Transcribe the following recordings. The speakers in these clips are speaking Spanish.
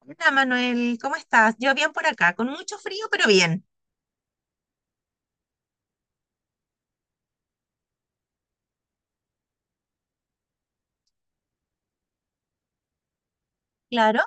Hola Manuel, ¿cómo estás? Yo bien por acá, con mucho frío, pero bien. Claro.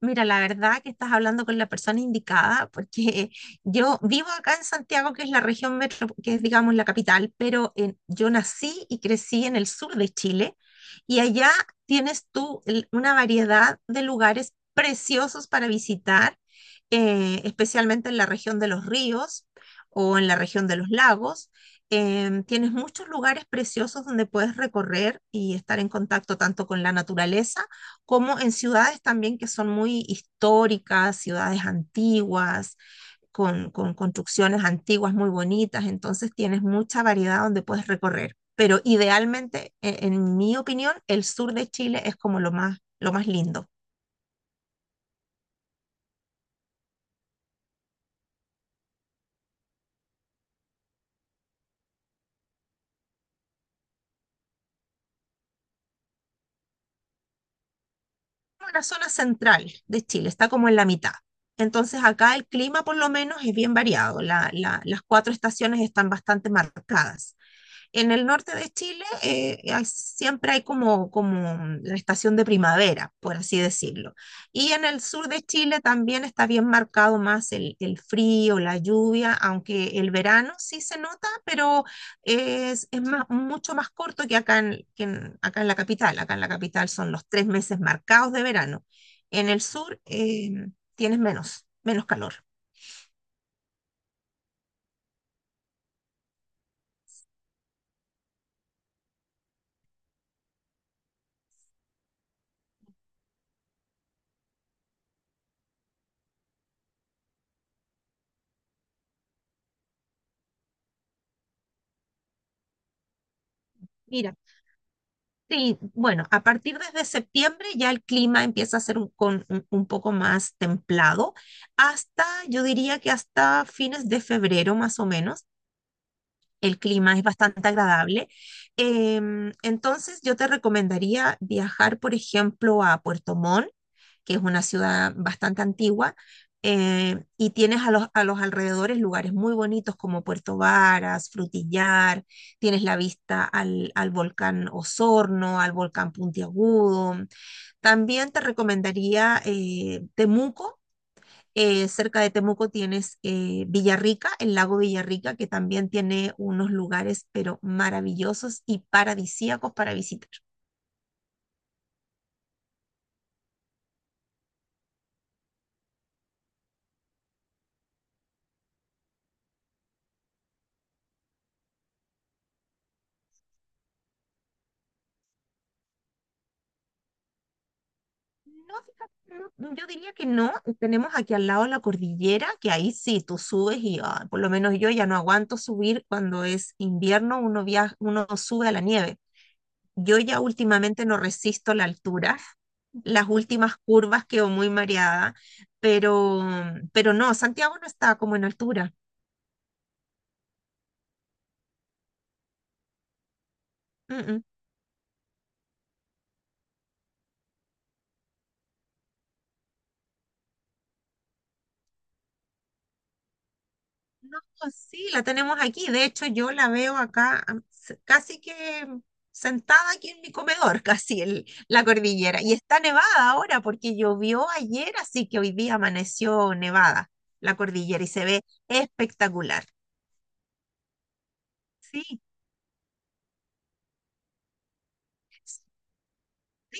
Mira, la verdad que estás hablando con la persona indicada, porque yo vivo acá en Santiago, que es la región metro, que es, digamos, la capital, pero yo nací y crecí en el sur de Chile, y allá tienes tú una variedad de lugares preciosos para visitar, especialmente en la región de los ríos o en la región de los lagos. Tienes muchos lugares preciosos donde puedes recorrer y estar en contacto tanto con la naturaleza como en ciudades también que son muy históricas, ciudades antiguas, con construcciones antiguas muy bonitas, entonces tienes mucha variedad donde puedes recorrer. Pero idealmente, en mi opinión, el sur de Chile es como lo más lindo. La zona central de Chile está como en la mitad. Entonces acá el clima por lo menos es bien variado, las cuatro estaciones están bastante marcadas. En el norte de Chile siempre hay como la estación de primavera, por así decirlo. Y en el sur de Chile también está bien marcado más el frío, la lluvia, aunque el verano sí se nota, pero es mucho más corto que acá acá en la capital. Acá en la capital son los 3 meses marcados de verano. En el sur tienes menos calor. Mira. Sí, bueno, a partir desde septiembre ya el clima empieza a ser un poco más templado, hasta, yo diría que hasta fines de febrero más o menos, el clima es bastante agradable. Entonces yo te recomendaría viajar, por ejemplo, a Puerto Montt que es una ciudad bastante antigua, y tienes a los alrededores lugares muy bonitos como Puerto Varas, Frutillar, tienes la vista al volcán Osorno, al volcán Puntiagudo. También te recomendaría Temuco. Cerca de Temuco tienes Villarrica, el lago Villarrica, que también tiene unos lugares, pero maravillosos y paradisíacos para visitar. No, fíjate, no, yo diría que no. Tenemos aquí al lado la cordillera, que ahí sí, tú subes y ah, por lo menos yo ya no aguanto subir cuando es invierno, uno viaja, uno sube a la nieve. Yo ya últimamente no resisto la altura, las últimas curvas quedo muy mareada, pero, pero no, Santiago no está como en altura. No, sí, la tenemos aquí. De hecho, yo la veo acá casi que sentada aquí en mi comedor, casi la cordillera. Y está nevada ahora porque llovió ayer, así que hoy día amaneció nevada la cordillera y se ve espectacular. Sí,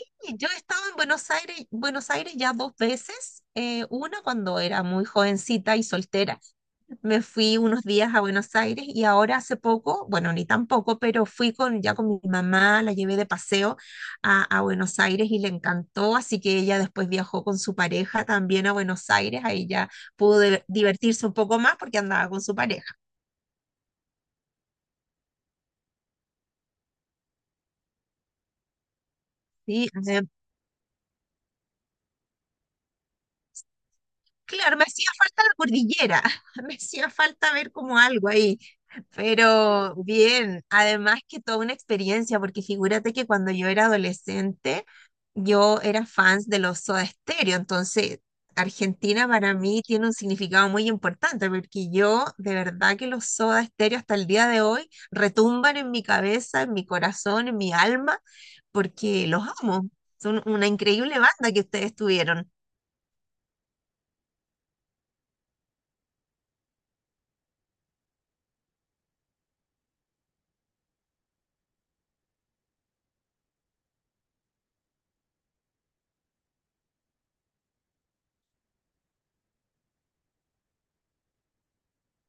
sí, yo he estado en Buenos Aires ya dos veces, una cuando era muy jovencita y soltera. Me fui unos días a Buenos Aires y ahora hace poco, bueno, ni tampoco, pero fui ya con mi mamá, la llevé de paseo a Buenos Aires y le encantó, así que ella después viajó con su pareja también a Buenos Aires, ahí ya pudo divertirse un poco más porque andaba con su pareja. Sí, claro, me hacía falta la cordillera, me hacía falta ver como algo ahí, pero bien, además que toda una experiencia, porque figúrate que cuando yo era adolescente, yo era fans de los Soda Stereo, entonces Argentina para mí tiene un significado muy importante, porque yo de verdad que los Soda Stereo hasta el día de hoy retumban en mi cabeza, en mi corazón, en mi alma, porque los amo, son una increíble banda que ustedes tuvieron.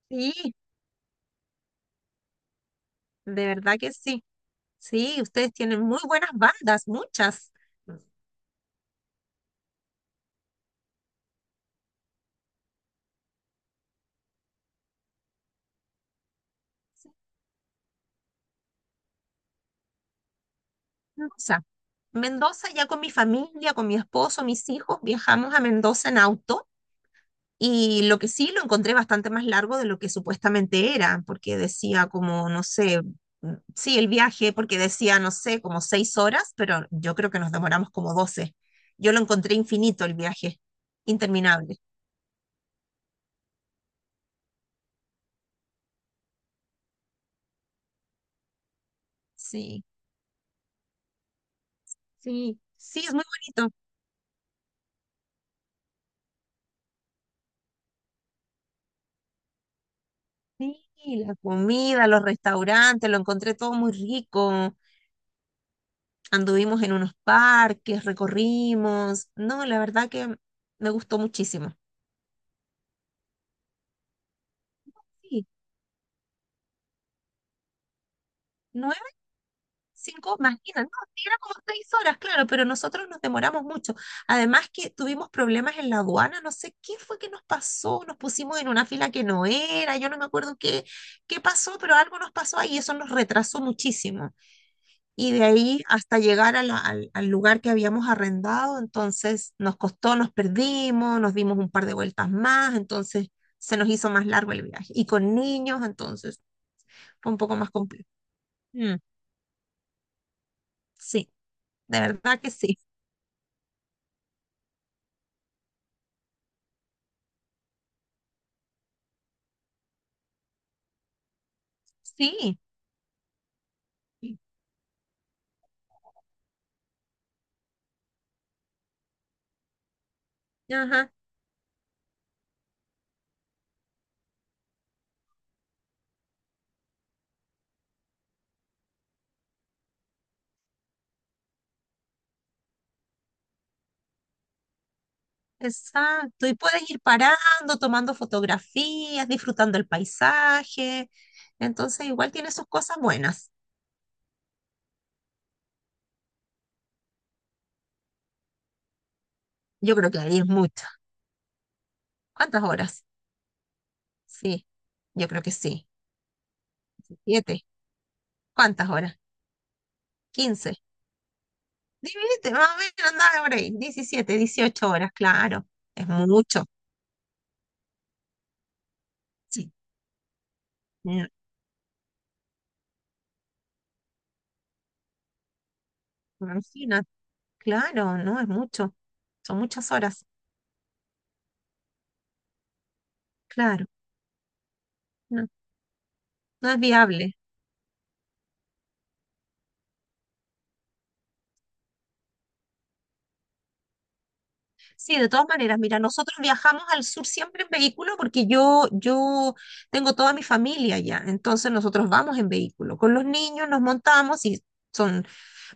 Sí, de verdad que sí. Sí, ustedes tienen muy buenas bandas, muchas. Mendoza. Mendoza, ya con mi familia, con mi esposo, mis hijos, viajamos a Mendoza en auto y lo que sí lo encontré bastante más largo de lo que supuestamente era, porque decía como, no sé, sí, el viaje, porque decía, no sé, como 6 horas, pero yo creo que nos demoramos como 12. Yo lo encontré infinito el viaje, interminable. Sí, sí, sí, es muy bonito. Sí, la comida, los restaurantes, lo encontré todo muy rico. Anduvimos en unos parques, recorrimos. No, la verdad que me gustó muchísimo. Sí, nueve, cinco, imagina, no, sí, era como 6 horas, claro, pero nosotros nos demoramos mucho. Además que tuvimos problemas en la aduana, no sé qué fue que nos pasó, nos pusimos en una fila que no era, yo no me acuerdo qué pasó, pero algo nos pasó ahí y eso nos retrasó muchísimo. Y de ahí hasta llegar a al lugar que habíamos arrendado, entonces nos costó, nos perdimos, nos dimos un par de vueltas más, entonces se nos hizo más largo el viaje. Y con niños, entonces fue un poco más complejo. Mm, sí, de verdad que sí. Sí. Ajá, exacto. Y puedes ir parando, tomando fotografías, disfrutando el paisaje. Entonces, igual tiene sus cosas buenas. Yo creo que ahí es mucho. ¿Cuántas horas? Sí, yo creo que sí. Siete. ¿Cuántas horas? 15. Divídete, más o menos andaba por ahí. 17, 18 horas, claro. Es mucho. Sí. Mm, imagínate, claro, no es mucho. Son muchas horas, claro. No, no es viable. Sí, de todas maneras, mira, nosotros viajamos al sur siempre en vehículo porque yo tengo toda mi familia allá. Entonces nosotros vamos en vehículo. Con los niños nos montamos y son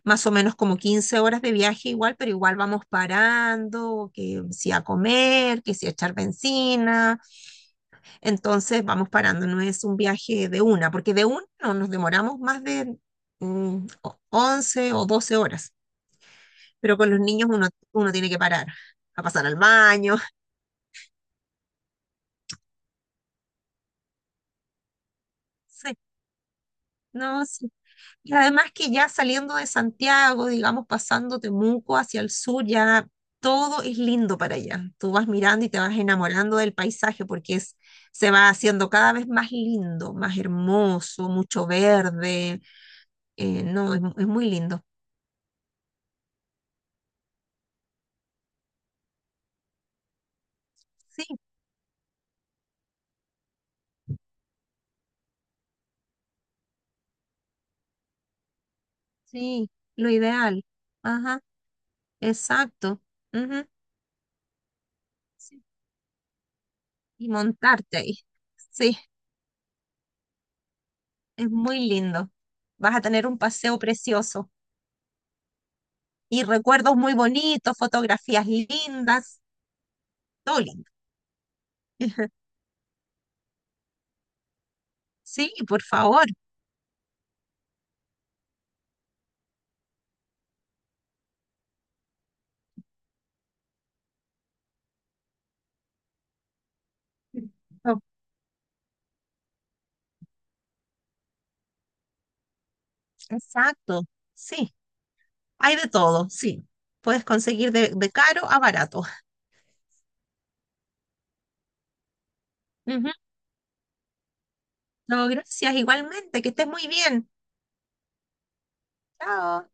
más o menos como 15 horas de viaje igual, pero igual vamos parando, que si a comer, que si a echar benzina, entonces vamos parando, no es un viaje de una, porque de una no nos demoramos más de 11 o 12 horas, pero con los niños uno tiene que parar, a pasar al baño, sí, no, sí. Y además que ya saliendo de Santiago, digamos, pasando Temuco hacia el sur, ya todo es lindo para allá. Tú vas mirando y te vas enamorando del paisaje porque se va haciendo cada vez más lindo, más hermoso, mucho verde. No, es muy lindo. Sí, sí, lo ideal. Ajá, exacto. Ujú, sí. Y montarte ahí. Sí, es muy lindo. Vas a tener un paseo precioso y recuerdos muy bonitos, fotografías lindas. Tolling. Sí, por favor. Oh, exacto. Sí, hay de todo, sí. Puedes conseguir de caro a barato. Ujú. No, gracias igualmente. Que estés muy bien. Chao.